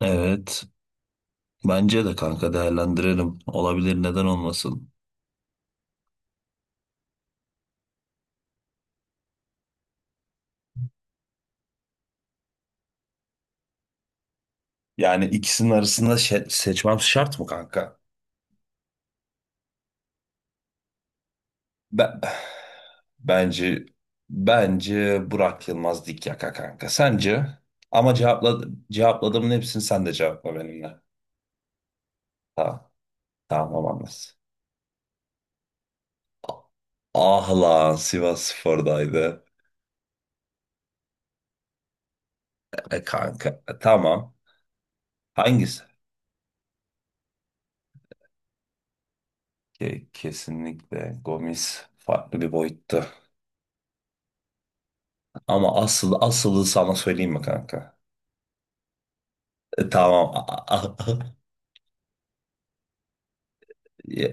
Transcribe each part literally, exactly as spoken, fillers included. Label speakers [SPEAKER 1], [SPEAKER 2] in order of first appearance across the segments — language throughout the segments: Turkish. [SPEAKER 1] Evet. Bence de kanka değerlendirelim. Olabilir neden olmasın? Yani ikisinin arasında şe- seçmem şart mı kanka? Ben, bence bence Burak Yılmaz dik yaka kanka. Sence? Ama cevapla, cevapladığımın hepsini sen de cevapla benimle. Tamam. Tamam olamaz. Ah lan Sivasspor'daydı. E kanka. E, tamam. Hangisi? Ke- kesinlikle Gomis farklı bir boyuttu. Ama asıl asılı sana söyleyeyim mi kanka? E, tamam. Ya,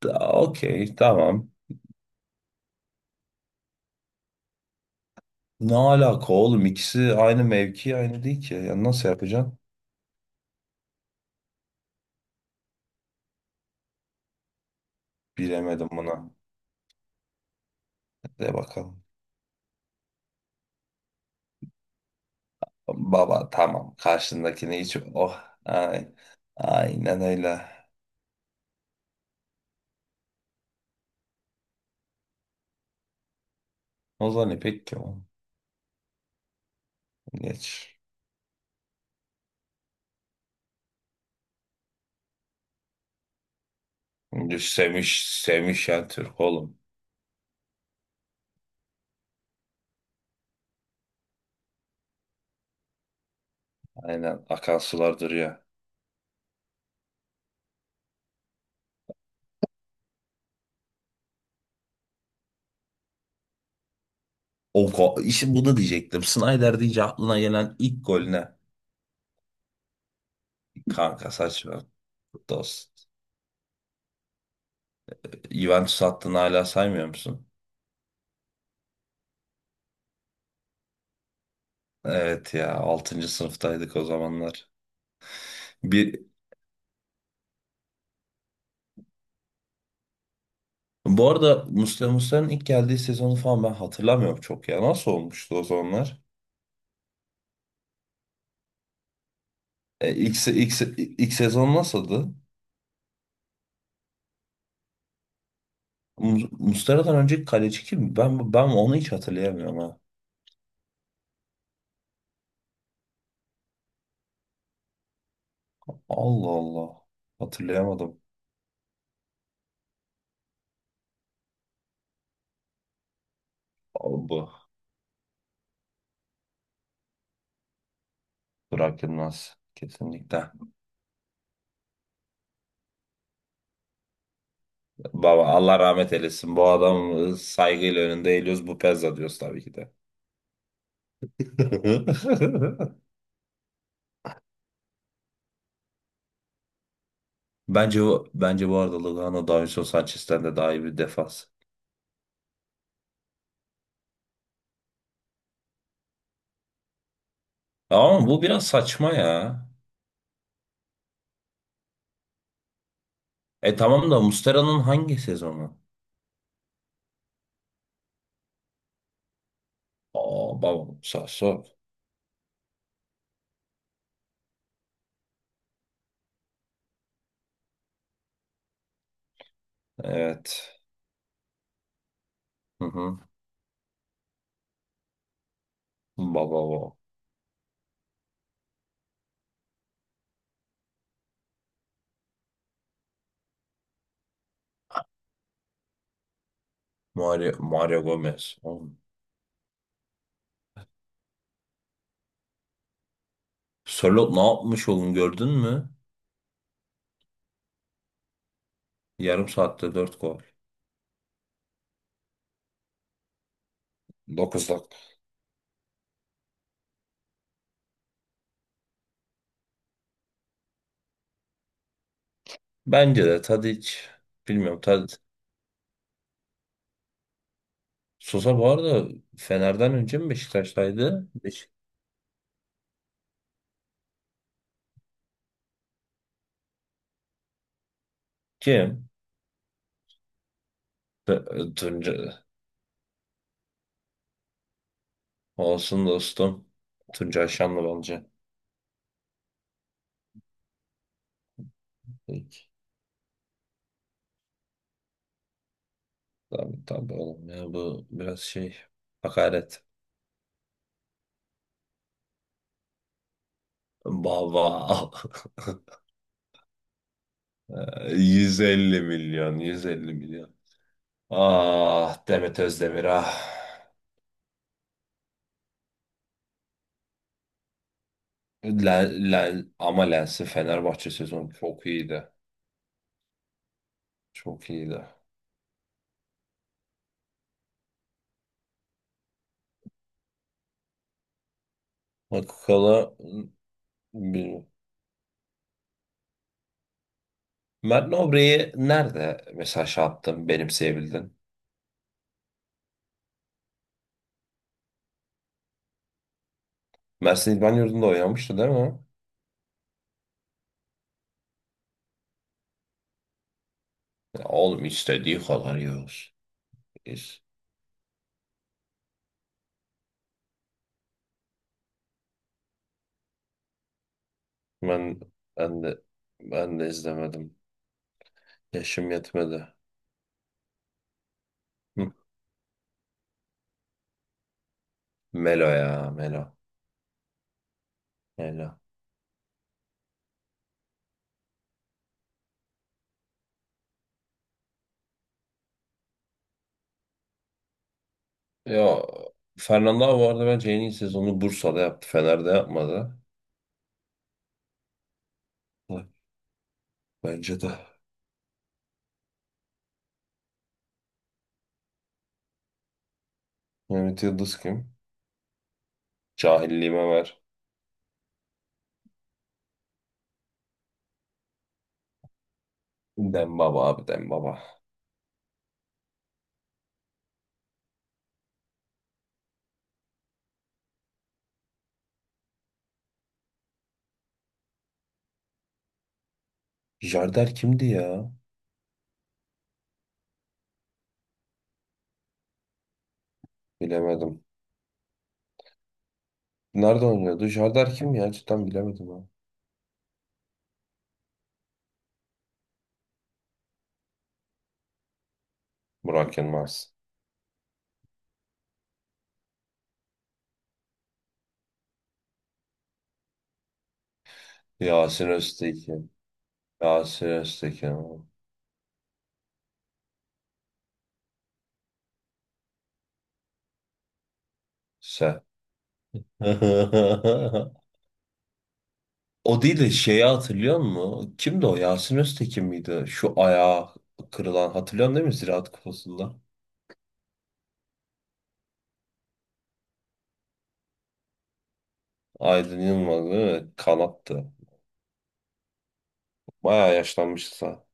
[SPEAKER 1] ta- Okey tamam. Ne alaka oğlum? İkisi aynı mevki aynı değil ki. Ya nasıl yapacaksın? Bilemedim buna. De bakalım. Baba tamam. Karşındakini hiç... Oh. Ay. Aynen öyle. Ozan İpek kim, oğlum? Geç. Semiş, Semih Şentürk oğlum. Aynen akan sular duruyor. O, go- işte bunu diyecektim. Snyder deyince aklına gelen ilk gol ne? Kanka saçma. Dost. Juventus hattını hala saymıyor musun? Evet ya altıncı sınıftaydık o zamanlar. Bir bu arada Muslera Muslera'nın ilk geldiği sezonu falan ben hatırlamıyorum çok ya. Nasıl olmuştu o zamanlar? E, ilk, se- ilk, se- ilk sezon nasıldı? Mu- Muslera'dan önceki kaleci kim? Ben ben onu hiç hatırlayamıyorum ha. Allah Allah. Hatırlayamadım. Bu Burak Yılmaz kesinlikle. Baba Allah rahmet eylesin. Bu adamı saygıyla önünde eğiliyoruz. Bu Pezza diyoruz tabii ki de. Bence bu, bence bu arada Lugano Davinson Sanchez'ten de daha iyi bir defans. Ama bu biraz saçma ya. E tamam da Mustera'nın hangi sezonu? Aa baba Sasso. Evet. Hı hı. Baba o. Mario, Mario Gomez. Oğlum, Sörloth ne yapmış oğlum gördün mü? Yarım saatte dört gol. Dokuz dakika. Bence de Tadic. Bilmiyorum. Sosa bu arada Fener'den önce mi Beşiktaş'taydı? Beşik kim? T- Tunca. Olsun dostum. Tuncay Şanlıbelci. Peki. Tabii tabii oğlum ya bu biraz şey hakaret. Baba. yüz elli milyon, yüz elli milyon. Ah Demet Özdemir ah. Len, len, ama Lens'in Fenerbahçe sezonu çok iyiydi. Çok iyiydi. Akakalı Mert Nobre'yi nerede mesela şey yaptın, benimseyebildin? Mersin İdman Yurdu'nda oynamıştı değil mi? Ya oğlum istediği kadar yiyoruz. Biz. Ben, ben de Ben de izlemedim. Yaşım yetmedi. Hı. Melo ya Melo. Melo. Ya Fernando abi bu arada bence en iyi sezonu Bursa'da yaptı. Fener'de yapmadı. Hı, bence de. Mehmet Yıldız kim? Cahilliğime ver. Dembaba abi Dembaba. Jardel kimdi ya? Bilemedim. Nerede oynuyordu? Jardar kim ya? Cidden bilemedim ha. Burak Yılmaz. Yasin Öztekin. Yasin Öztekin. O. Se. O değil de şeyi hatırlıyor musun? Kimdi o? Yasin Öztekin miydi? Şu ayağı kırılan. Hatırlıyorsun değil mi? Ziraat Kupası'nda. Aydın Yılmaz değil mi? Kanattı. Bayağı yaşlanmışsa.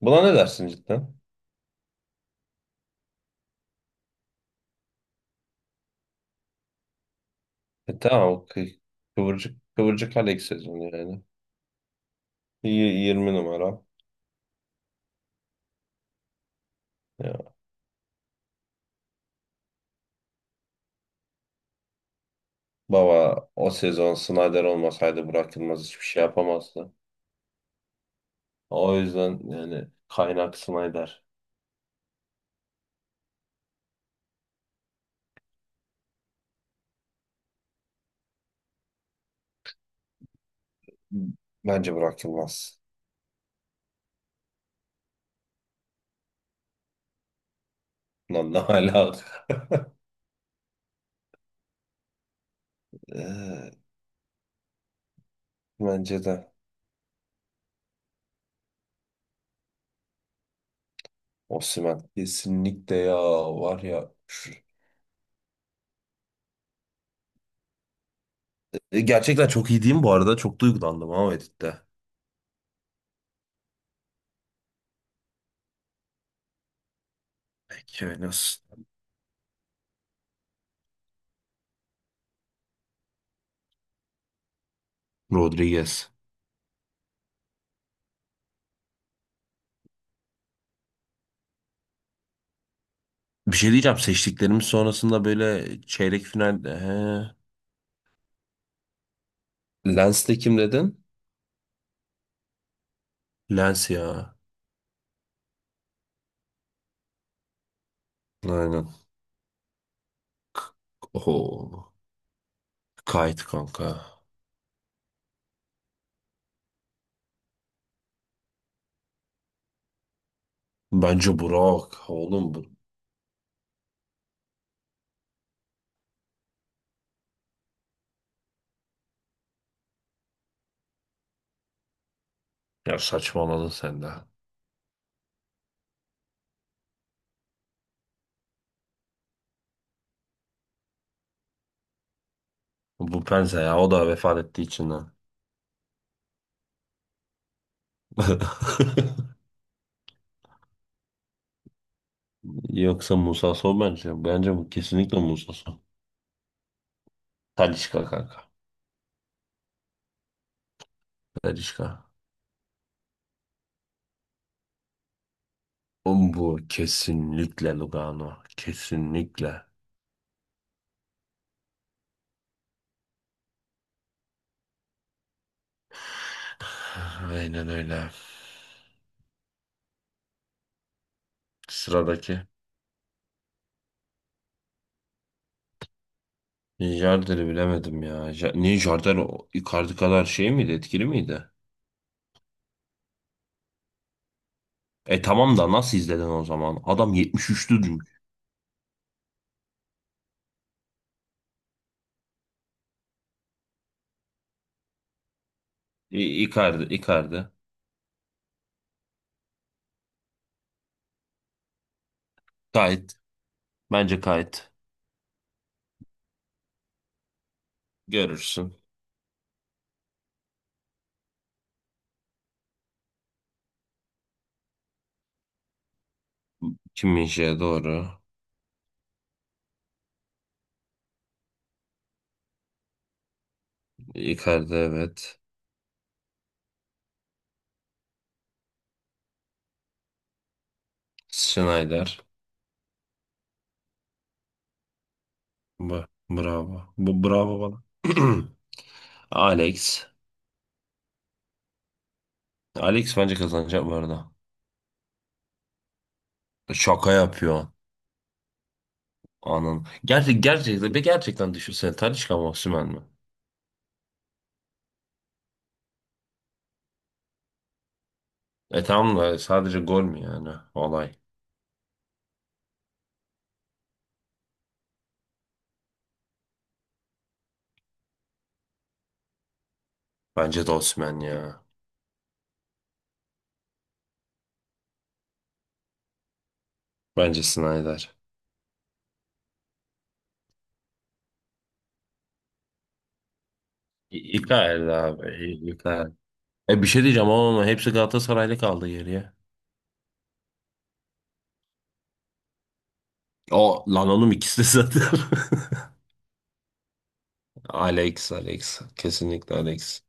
[SPEAKER 1] Buna ne dersin cidden? E tamam. o kı- Kıvırcık, kıvırcık Alex sezonu yani. Y- yirmi numara. Ya. Baba o sezon Snyder olmasaydı bırakılmaz hiçbir şey yapamazdı. O yüzden yani kaynak Snyder. Bence bırakılmaz. Lan ne alaka? Ee, Bence de Osimhen. Kesinlikle ya var ya. Şu- E, gerçekten çok iyi değil mi bu arada? Çok duygulandım ama Edit'te. Peki öyle olsun. Rodriguez. Bir şey diyeceğim. Seçtiklerimiz sonrasında böyle çeyrek final. He. Lens'te kim dedin? Lens ya. Aynen. Oho. Kayıt kanka. Bence Burak. Oğlum bu. Ya saçmaladın sen de. Bu Pense ya o da vefat ettiği için ha. Yoksa Musa Sow bence. Bence bu kesinlikle Musa Sow. Talisca kanka. Talisca. Oğlum bu kesinlikle Lugano. Kesinlikle. Aynen öyle. Sıradaki. Jardel'i bilemedim ya. Ja- Niye Jardel o- Icardi kadar şey miydi? Etkili miydi? E tamam da nasıl izledin o zaman? Adam yetmiş üçtü. İ- Icardi, Icardi. Gayet. Bence gayet. Görürsün. Kim min doğru. Icardi evet. Schneider. Bu, bravo. Bu bravo bana. Alex. Alex bence kazanacak bu arada. Şaka yapıyor. Anın. Gerçek, gerçekten, be gerçekten düşünsene. Talisca mı Osimhen mi? E tamam da sadece gol mü yani? Olay. Bence de Osimhen ya. Bence Schneider. İ- Icardi abi. İ- Icardi. E bir şey diyeceğim ama ama hepsi Galatasaraylı kaldı geriye. O lan oğlum ikisi de zaten. Alex, Alex. Kesinlikle Alex.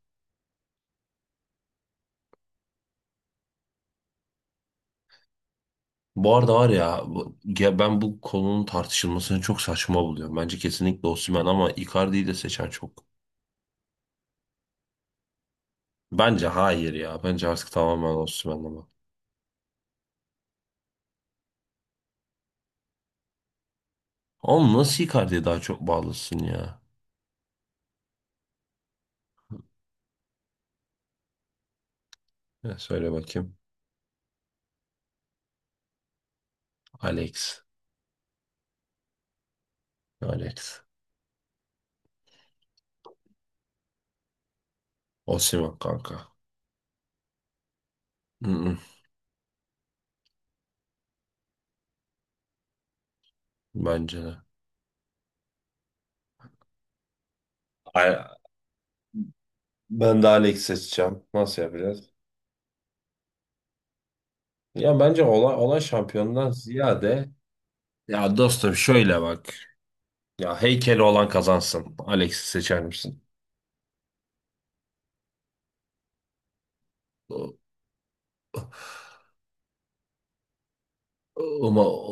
[SPEAKER 1] Bu arada var ya, bu- ya ben bu konunun tartışılmasını çok saçma buluyorum. Bence kesinlikle Osimhen ama Icardi'yi de seçen çok. Bence hayır ya. Bence artık tamamen Osimhen ama. Oğlum nasıl Icardi'ye daha çok bağlısın ya? Ya söyle bakayım. Alex. Alex. Osimhen kanka. Mm-mm, bence de. Ay- Ben de Alex seçeceğim. Nasıl yapacağız? Ya bence olay, olay şampiyondan ziyade ya dostum şöyle bak. Ya heykeli olan kazansın. Alex'i seçer misin? Uma-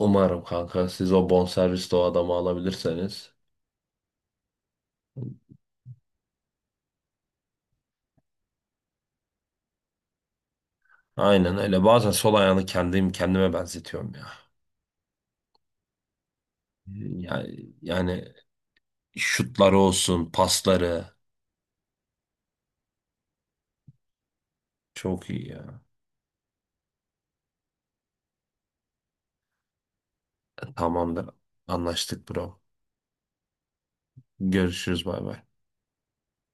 [SPEAKER 1] Umarım kanka siz o bonservisli o adamı alabilirseniz. Aynen öyle. Bazen sol ayağını kendim kendime benzetiyorum ya. Yani, yani Şutları olsun, pasları çok iyi ya. Tamamdır. Anlaştık bro. Görüşürüz bay bay.